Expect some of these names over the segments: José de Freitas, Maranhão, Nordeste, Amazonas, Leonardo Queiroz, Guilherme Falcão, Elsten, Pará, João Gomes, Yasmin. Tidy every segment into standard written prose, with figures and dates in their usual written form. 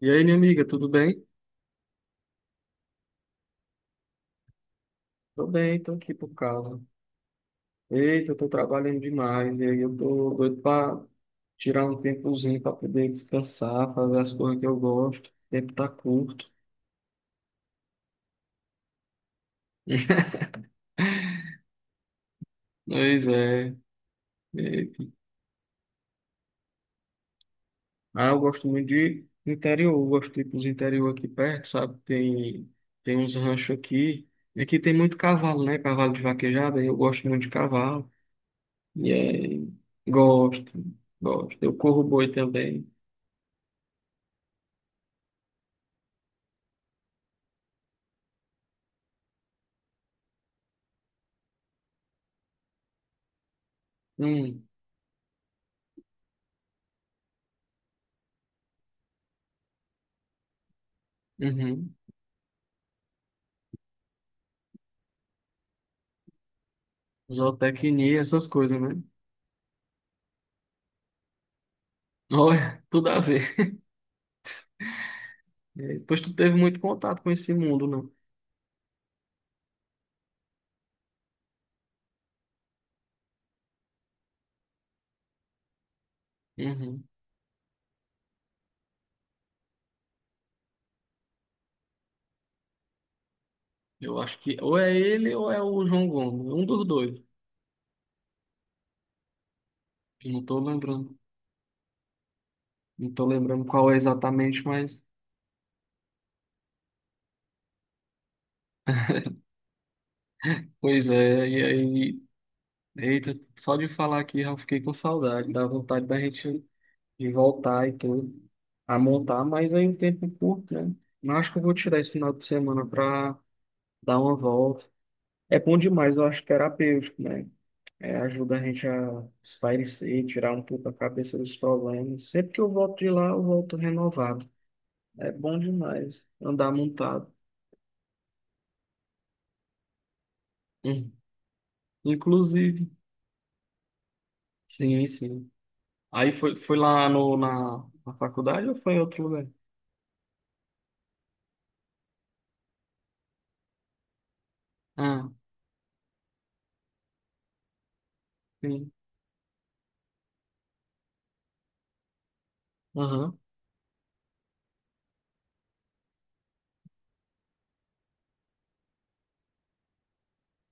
E aí, minha amiga, tudo bem? Tô bem, tô aqui por causa. Eita, eu tô trabalhando demais, e aí eu tô doido pra tirar um tempozinho pra poder descansar, fazer as coisas que eu gosto. O tempo tá curto. Pois é. Eita. Ah, eu gosto muito de interior, eu gosto de ir pros interior aqui perto, sabe? Tem uns ranchos aqui. E aqui tem muito cavalo, né? Cavalo de vaquejada, e eu gosto muito de cavalo. E aí, gosto, gosto. Eu corro boi também. Hum, uhum. Zootecnia, essas coisas, né? Olha, tudo a ver. E aí, depois tu teve muito contato com esse mundo, não? Uhum. Eu acho que ou é ele ou é o João Gomes, um dos dois. Eu não tô lembrando. Não tô lembrando qual é exatamente, mas pois é, e aí, eita, só de falar aqui já fiquei com saudade, dá vontade da gente de voltar e tudo, a montar, mas aí o tempo é curto, né? Mas acho que eu vou tirar esse final de semana pra dar uma volta. É bom demais, eu acho terapêutico, né? É, ajuda a gente a espairecer, tirar um pouco a cabeça dos problemas. Sempre que eu volto de lá, eu volto renovado. É bom demais andar montado. Hum, Inclusive, sim, sim. Aí foi lá no, na, na faculdade ou foi em outro lugar? Ah, sim. Aham.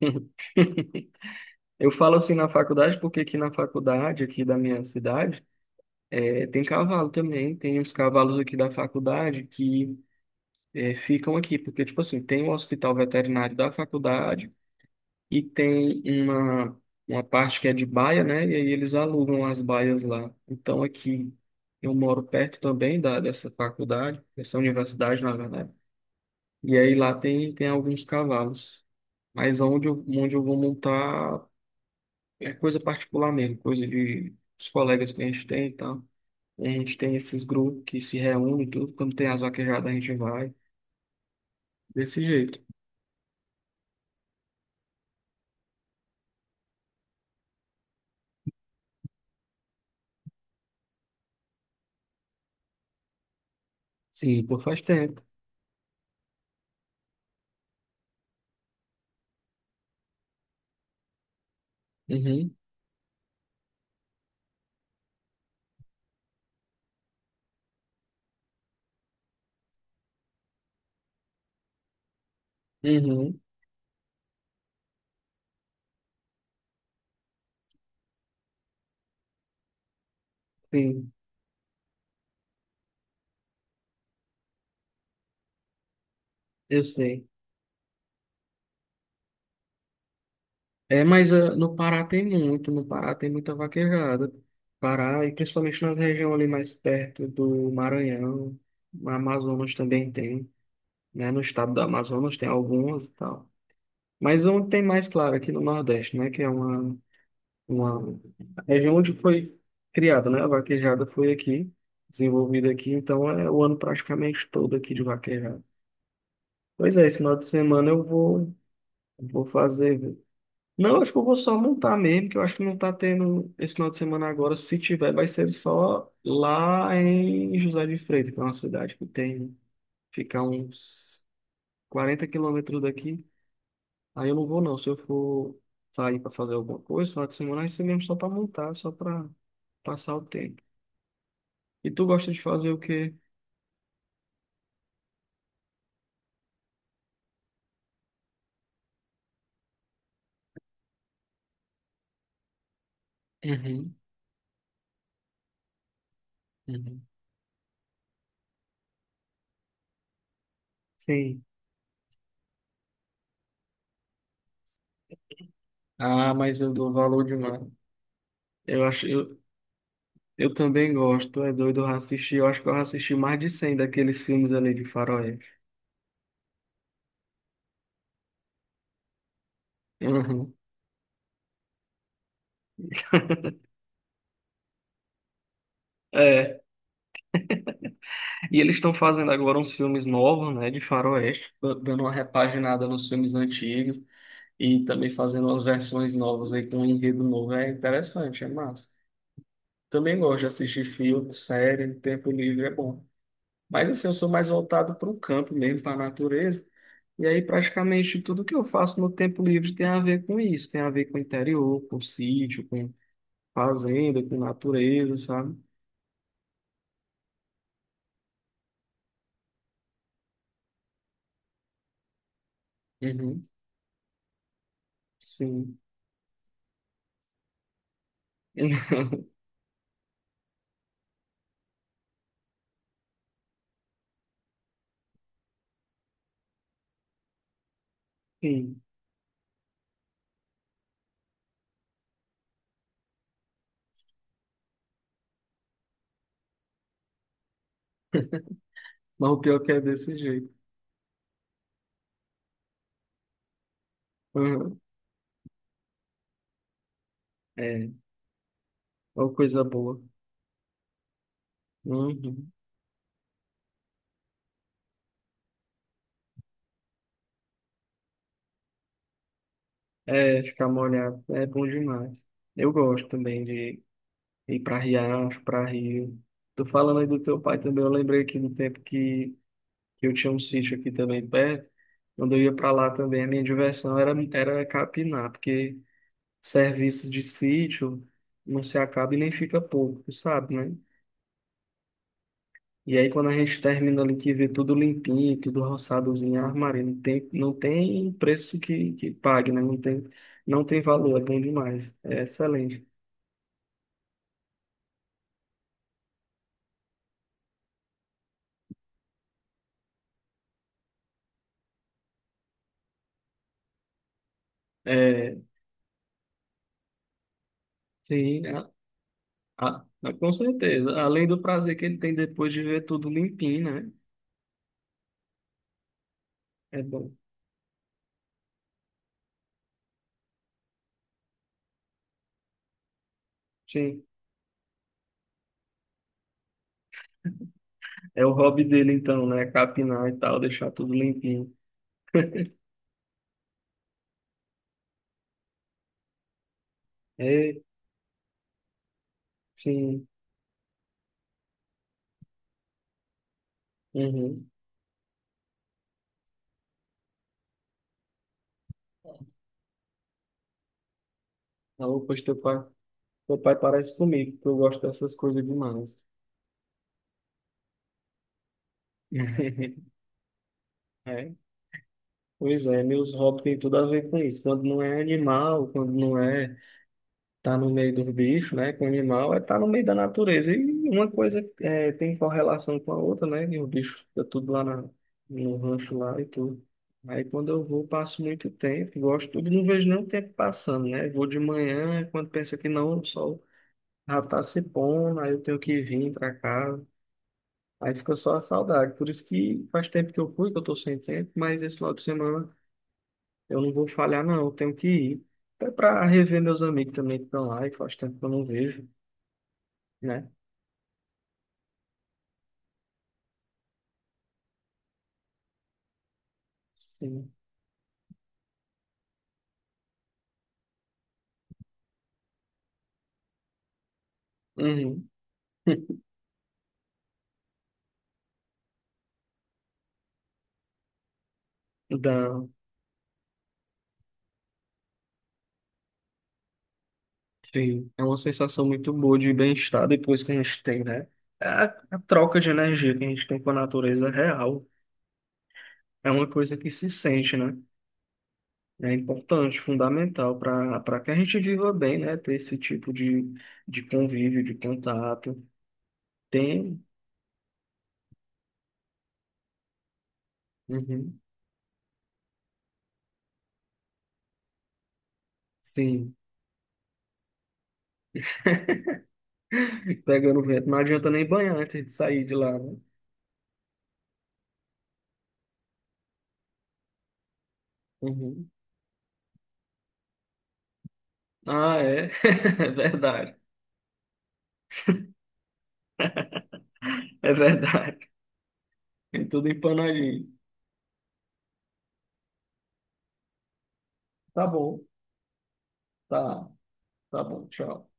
Eu falo assim na faculdade porque aqui na faculdade, aqui da minha cidade, é, tem cavalo também. Tem uns cavalos aqui da faculdade que é, ficam aqui. Porque, tipo assim, tem o hospital veterinário da faculdade. E tem uma parte que é de baia, né? E aí eles alugam as baias lá. Então aqui eu moro perto também dessa faculdade, dessa universidade, na verdade. E aí lá tem alguns cavalos. Mas onde eu vou montar é coisa particular mesmo, coisa de os colegas que a gente tem e tal. A gente tem esses grupos que se reúnem, e tudo. Quando tem as vaquejadas, a gente vai. Desse jeito. Sim, por faz tempo. Uhum, uhum, sim, eu sei. É, mas ah, no Pará tem muito, no Pará tem muita vaquejada. Pará, e principalmente na região ali mais perto do Maranhão, no Amazonas também tem, né? No estado do Amazonas tem algumas e tal. Mas onde tem mais, claro, aqui no Nordeste, né? Que é uma, uma a região onde foi criada, né? A vaquejada foi aqui, desenvolvida aqui, então é o ano praticamente todo aqui de vaquejada. Pois é, esse final de semana eu vou fazer. Não, acho que eu vou só montar mesmo, que eu acho que não tá tendo esse final de semana agora. Se tiver, vai ser só lá em José de Freitas, que é uma cidade que tem, fica uns 40 km daqui. Aí eu não vou não. Se eu for sair para fazer alguma coisa, final de semana vai ser mesmo só para montar, só para passar o tempo. E tu gosta de fazer o quê? Uhum, uhum. Sim. Ah, mas eu dou valor demais. Eu acho, eu, Eu também gosto, é doido, eu assisti, eu acho que eu assisti mais de 100 daqueles filmes ali de faroeste. Uhum. É, e eles estão fazendo agora uns filmes novos, né, de faroeste, dando uma repaginada nos filmes antigos e também fazendo umas versões novas aí com um enredo novo. É interessante, é massa. Também gosto de assistir filme, série, tempo livre é bom. Mas assim, eu sou mais voltado para o campo mesmo, para a natureza. E aí praticamente tudo que eu faço no tempo livre tem a ver com isso, tem a ver com o interior, com o sítio, fazenda, com natureza, sabe? Uhum. Sim. Sim. Mas o pior é que é desse jeito. Uhum. É, uma coisa boa. Uhum. É, ficar molhado é bom demais. Eu gosto também de ir para riacho, para rio. Tô falando aí do teu pai também. Eu lembrei aqui do tempo que eu tinha um sítio aqui também perto. Quando eu ia para lá também, a minha diversão era capinar, porque serviço de sítio não se acaba e nem fica pouco, tu sabe, né? E aí, quando a gente termina ali que vê tudo limpinho, tudo roçadozinho, armário, não tem, não tem preço que pague, né? Não tem, não tem valor, é bom demais, é excelente. É, sim, com certeza. Além do prazer que ele tem depois de ver tudo limpinho, né? É bom. Sim, é o hobby dele então, né? Capinar e tal, deixar tudo limpinho. É, sim. Uhum. Alô, pois teu pai parece comigo, porque eu gosto dessas coisas demais. É. Pois é, meus hobbies têm tudo a ver com isso. Quando não é animal, quando não é tá no meio do bicho, né? Com animal, é tá no meio da natureza. E uma coisa é, tem correlação com a outra, né? E o bicho fica tudo lá na, no rancho lá e tudo. Aí quando eu vou, passo muito tempo, gosto tudo, não vejo nem o tempo passando, né? Vou de manhã, quando pensa que não, o sol já tá se pondo, aí eu tenho que vir para casa. Aí fica só a saudade. Por isso que faz tempo que eu fui, que eu tô sem tempo, mas esse final de semana. Eu não vou falhar, não. Eu tenho que ir. Até para rever meus amigos também que estão lá e faz tempo que eu não vejo, né? Sim. Uhum. Dá. Sim. É uma sensação muito boa de bem-estar depois que a gente tem, né? É, a troca de energia que a gente tem com a natureza é real. É uma coisa que se sente, né? É importante, fundamental para que a gente viva bem, né? Ter esse tipo de convívio, de contato. Tem. Uhum. Sim. Pegando vento, não adianta nem banhar antes de sair de lá, né? Uhum. Ah, é? É verdade. É verdade. Tem tudo empanadinho. Tá bom, tá, tá bom, tchau.